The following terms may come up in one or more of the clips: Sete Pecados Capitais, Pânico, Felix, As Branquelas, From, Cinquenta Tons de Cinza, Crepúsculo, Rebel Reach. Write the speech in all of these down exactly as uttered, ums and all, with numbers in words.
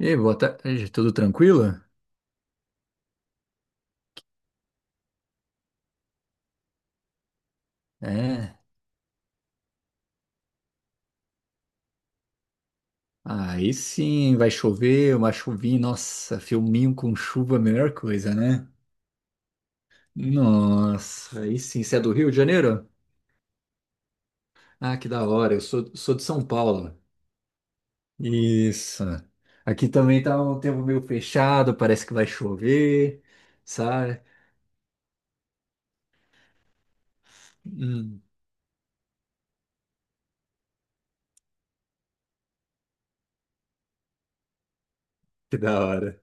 E aí, boa tarde, tudo tranquilo? É, aí sim, vai chover, uma chuvinha, nossa, filminho com chuva, é a melhor coisa, né? Nossa, aí sim, você é do Rio de Janeiro? Ah, que da hora, eu sou, sou de São Paulo. Isso. Aqui também tá um tempo meio fechado, parece que vai chover, sabe? Hum, que da hora.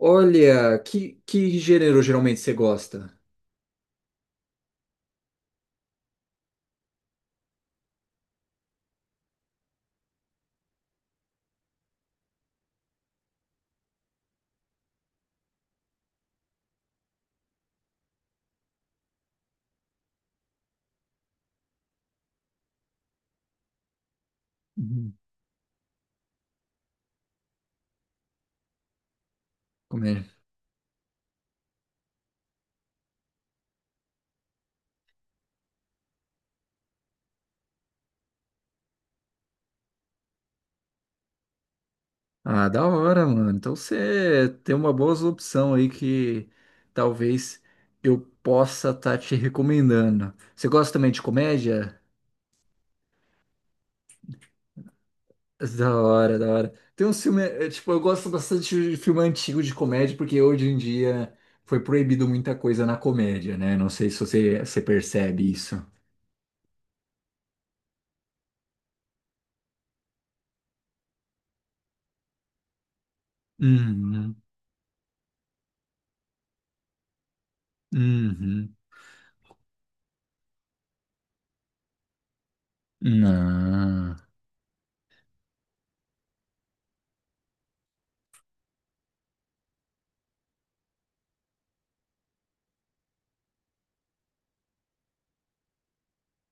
Olha, que, que gênero geralmente você gosta? Uhum. Ah, da hora, mano. Então você tem uma boa opção aí que talvez eu possa estar te recomendando. Você gosta também de comédia? Da hora, da hora. Tem um filme, é, tipo, eu gosto bastante de filme antigo de comédia, porque hoje em dia foi proibido muita coisa na comédia, né? Não sei se você, você percebe isso. Uhum, uhum. Não,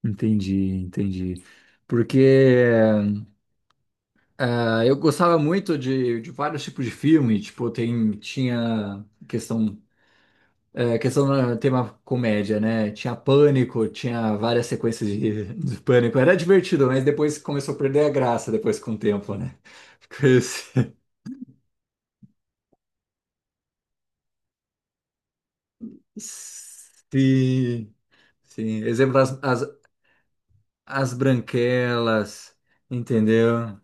entendi, entendi. Porque Ah, eu gostava muito de, de vários tipos de filme, tipo, tem, tinha questão, é, questão no tema comédia, né? Tinha Pânico, tinha várias sequências de, de Pânico. Era divertido, mas depois começou a perder a graça depois com o tempo, né? Porque se- Sim, sim. Exemplo, as, as, as branquelas, entendeu?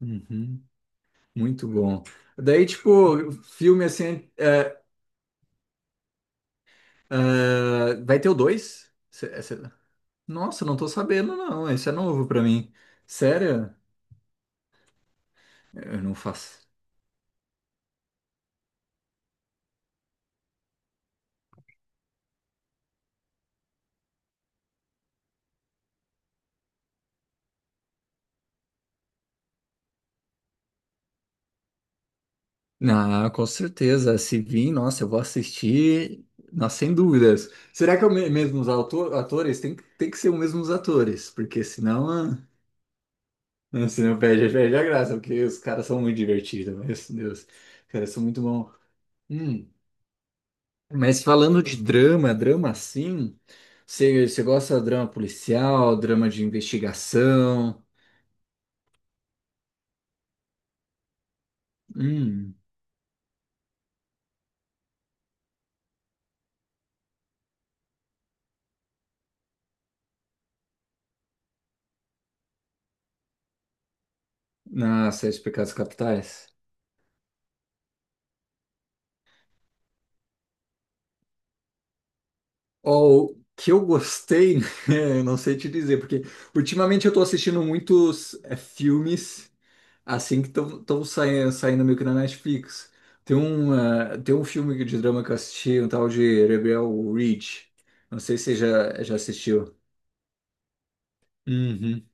Uhum. Muito bom. Daí, tipo, filme assim, é, é, vai ter o dois? Nossa, não tô sabendo, não. Isso é novo pra mim. Sério? Eu não faço. Ah, com certeza. Se vir, nossa, eu vou assistir. Nossa, sem dúvidas. Será que é o me- mesmo os auto- atores? Tem, que- tem que ser os mesmos atores, porque senão, ah, né, senão perde, perde a graça, porque os caras são muito divertidos, meu Deus. Os caras são muito bons. Hum, Mas falando de drama, drama assim, você você gosta de drama policial, drama de investigação? Hum. Ah, Sete Pecados Capitais. Ó, o que eu gostei, eu não sei te dizer, porque ultimamente eu tô assistindo muitos é, filmes assim que estão saindo, saindo meio que na Netflix. Tem um, ah, tem um filme de drama que eu assisti, um tal de Rebel Reach. Não sei se você já, já assistiu. Uhum.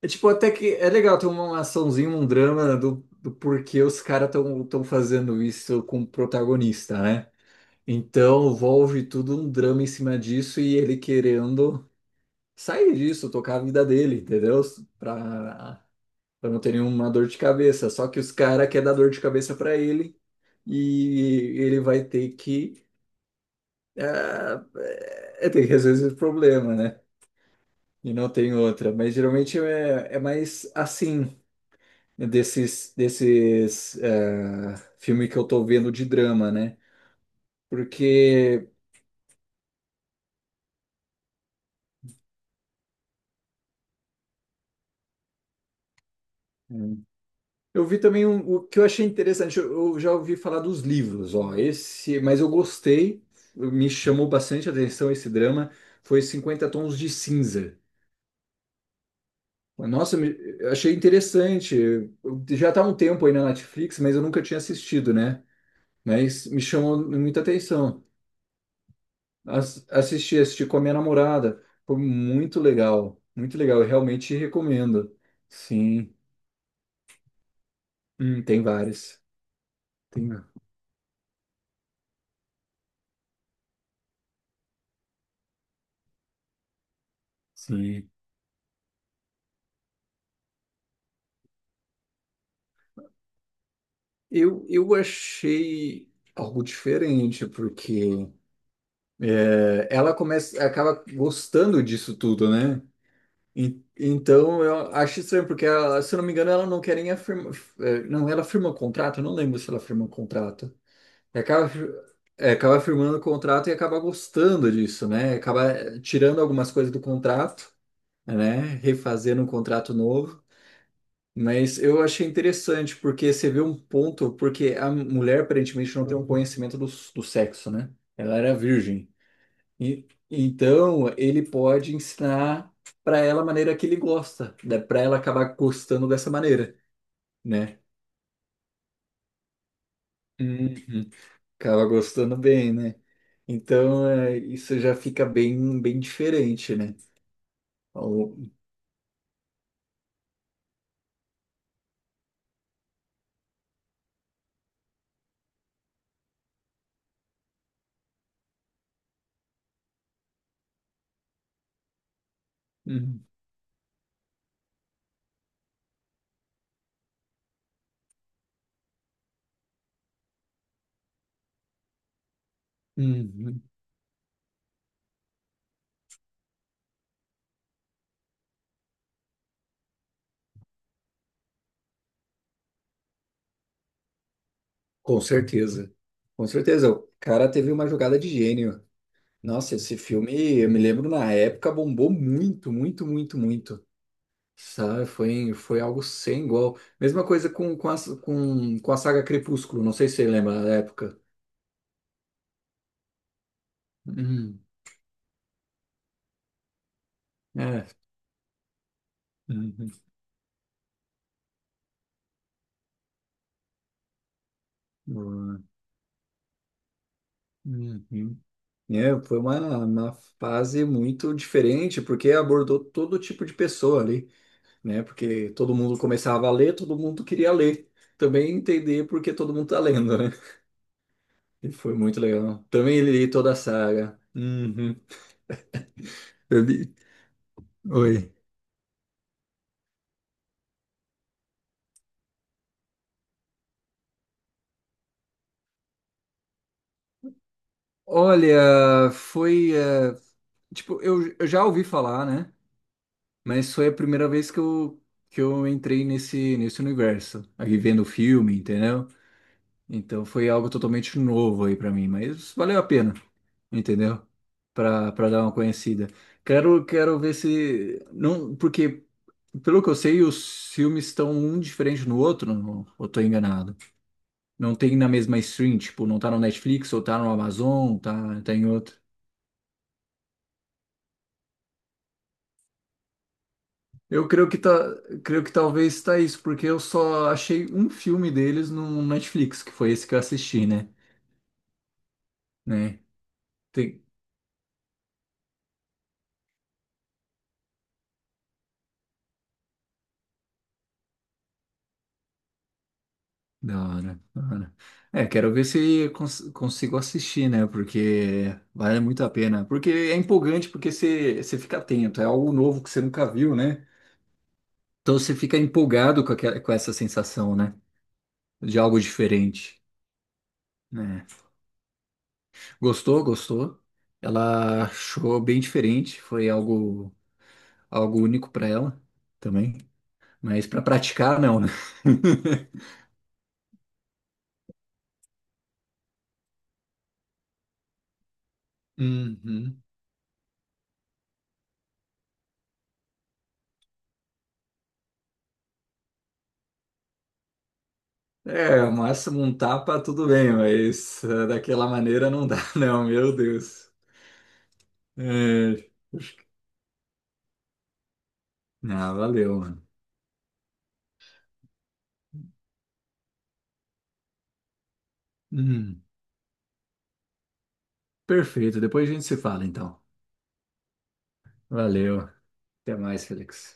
É tipo, até que é legal ter uma açãozinha, um drama do, do porquê os caras estão tão tão fazendo isso com o protagonista, né? Então, envolve tudo um drama em cima disso e ele querendo sair disso, tocar a vida dele, entendeu? Pra, pra não ter nenhuma dor de cabeça. Só que os caras querem dar dor de cabeça pra ele e ele vai ter que, ah, é, ter que resolver esse problema, né? E não tem outra. Mas geralmente é, é mais assim, né, desses, desses ah, filmes que eu tô vendo de drama, né? Porque. Eu vi também um- o que eu achei interessante, eu, eu já ouvi falar dos livros, ó, esse, mas eu gostei, me chamou bastante a atenção esse drama, foi Cinquenta Tons de Cinza. Nossa, me- eu achei interessante, eu- já tá há um tempo aí na Netflix, mas eu nunca tinha assistido, né? Mas me chamou muita atenção. As- assisti, assisti com a minha namorada, foi muito legal, muito legal, eu realmente recomendo. Sim. Hum, tem vários. Tem, sim. Eu, eu achei algo diferente, porque é, ela começa, acaba gostando disso tudo, né? E- então eu acho estranho, porque ela, se eu não me engano, ela não quer nem afirmar. é, Não, ela firma o contrato, eu não lembro se ela firma o contrato. E Acaba, fir- é, acaba firmando o contrato e acaba gostando disso, né? Acaba eh, tirando algumas coisas do contrato, né? Refazendo um contrato novo. Mas eu achei interessante, porque você vê um ponto, porque a mulher aparentemente não tem um conhecimento do, do sexo, né? Ela era virgem. E, então, ele pode ensinar para ela a maneira que ele gosta, né? Para ela acabar gostando dessa maneira, né? Uhum. Acaba gostando bem, né? Então, é, isso já fica bem, bem diferente, né? Ao- Uhum. Uhum. Com certeza. Com certeza. O cara teve uma jogada de gênio. Nossa, esse filme, eu me lembro na época, bombou muito, muito, muito, muito. Sabe? Foi, foi algo sem igual. Mesma coisa com, com, a, com, com a saga Crepúsculo, não sei se você lembra da época. Uhum. É. Uhum. Uhum. Uhum. É, foi uma, uma fase muito diferente, porque abordou todo tipo de pessoa ali, né? Porque todo mundo começava a ler, todo mundo queria ler. Também entender porque todo mundo tá lendo, né? E foi muito legal. Também li toda a saga. Uhum. Eu li- Oi. Olha, foi. Eh, tipo, eu, eu já ouvi falar, né? Mas foi a primeira vez que eu, que eu entrei nesse, nesse universo. Aqui vendo o filme, entendeu? Então foi algo totalmente novo aí pra mim, mas valeu a pena, entendeu? Pra, pra dar uma conhecida. Quero, quero ver se. Não, porque, pelo que eu sei, os filmes estão um diferente no outro, não, eu tô enganado. Não tem na mesma stream, tipo, não tá no Netflix, ou tá no Amazon, tá, tá em outro. Eu creio que tá, creio que talvez está isso, porque eu só achei um filme deles no Netflix, que foi esse que eu assisti, né? Né? Tem... Da hora, da hora. É, quero ver se eu cons- consigo assistir, né? Porque vale muito a pena. Porque é empolgante, porque você você fica atento, é algo novo que você nunca viu, né? Então você fica empolgado com aquela, com essa sensação, né? De algo diferente, né? Gostou, gostou. Ela achou bem diferente, foi algo algo único para ela também, mas para praticar, não, né? Uhum. É, o máximo um tapa, tudo bem, mas eh, daquela maneira não dá, não, meu Deus. É. Ah, valeu, mano. Hum, Perfeito, depois a gente se fala, então. Valeu. Até mais, Felix.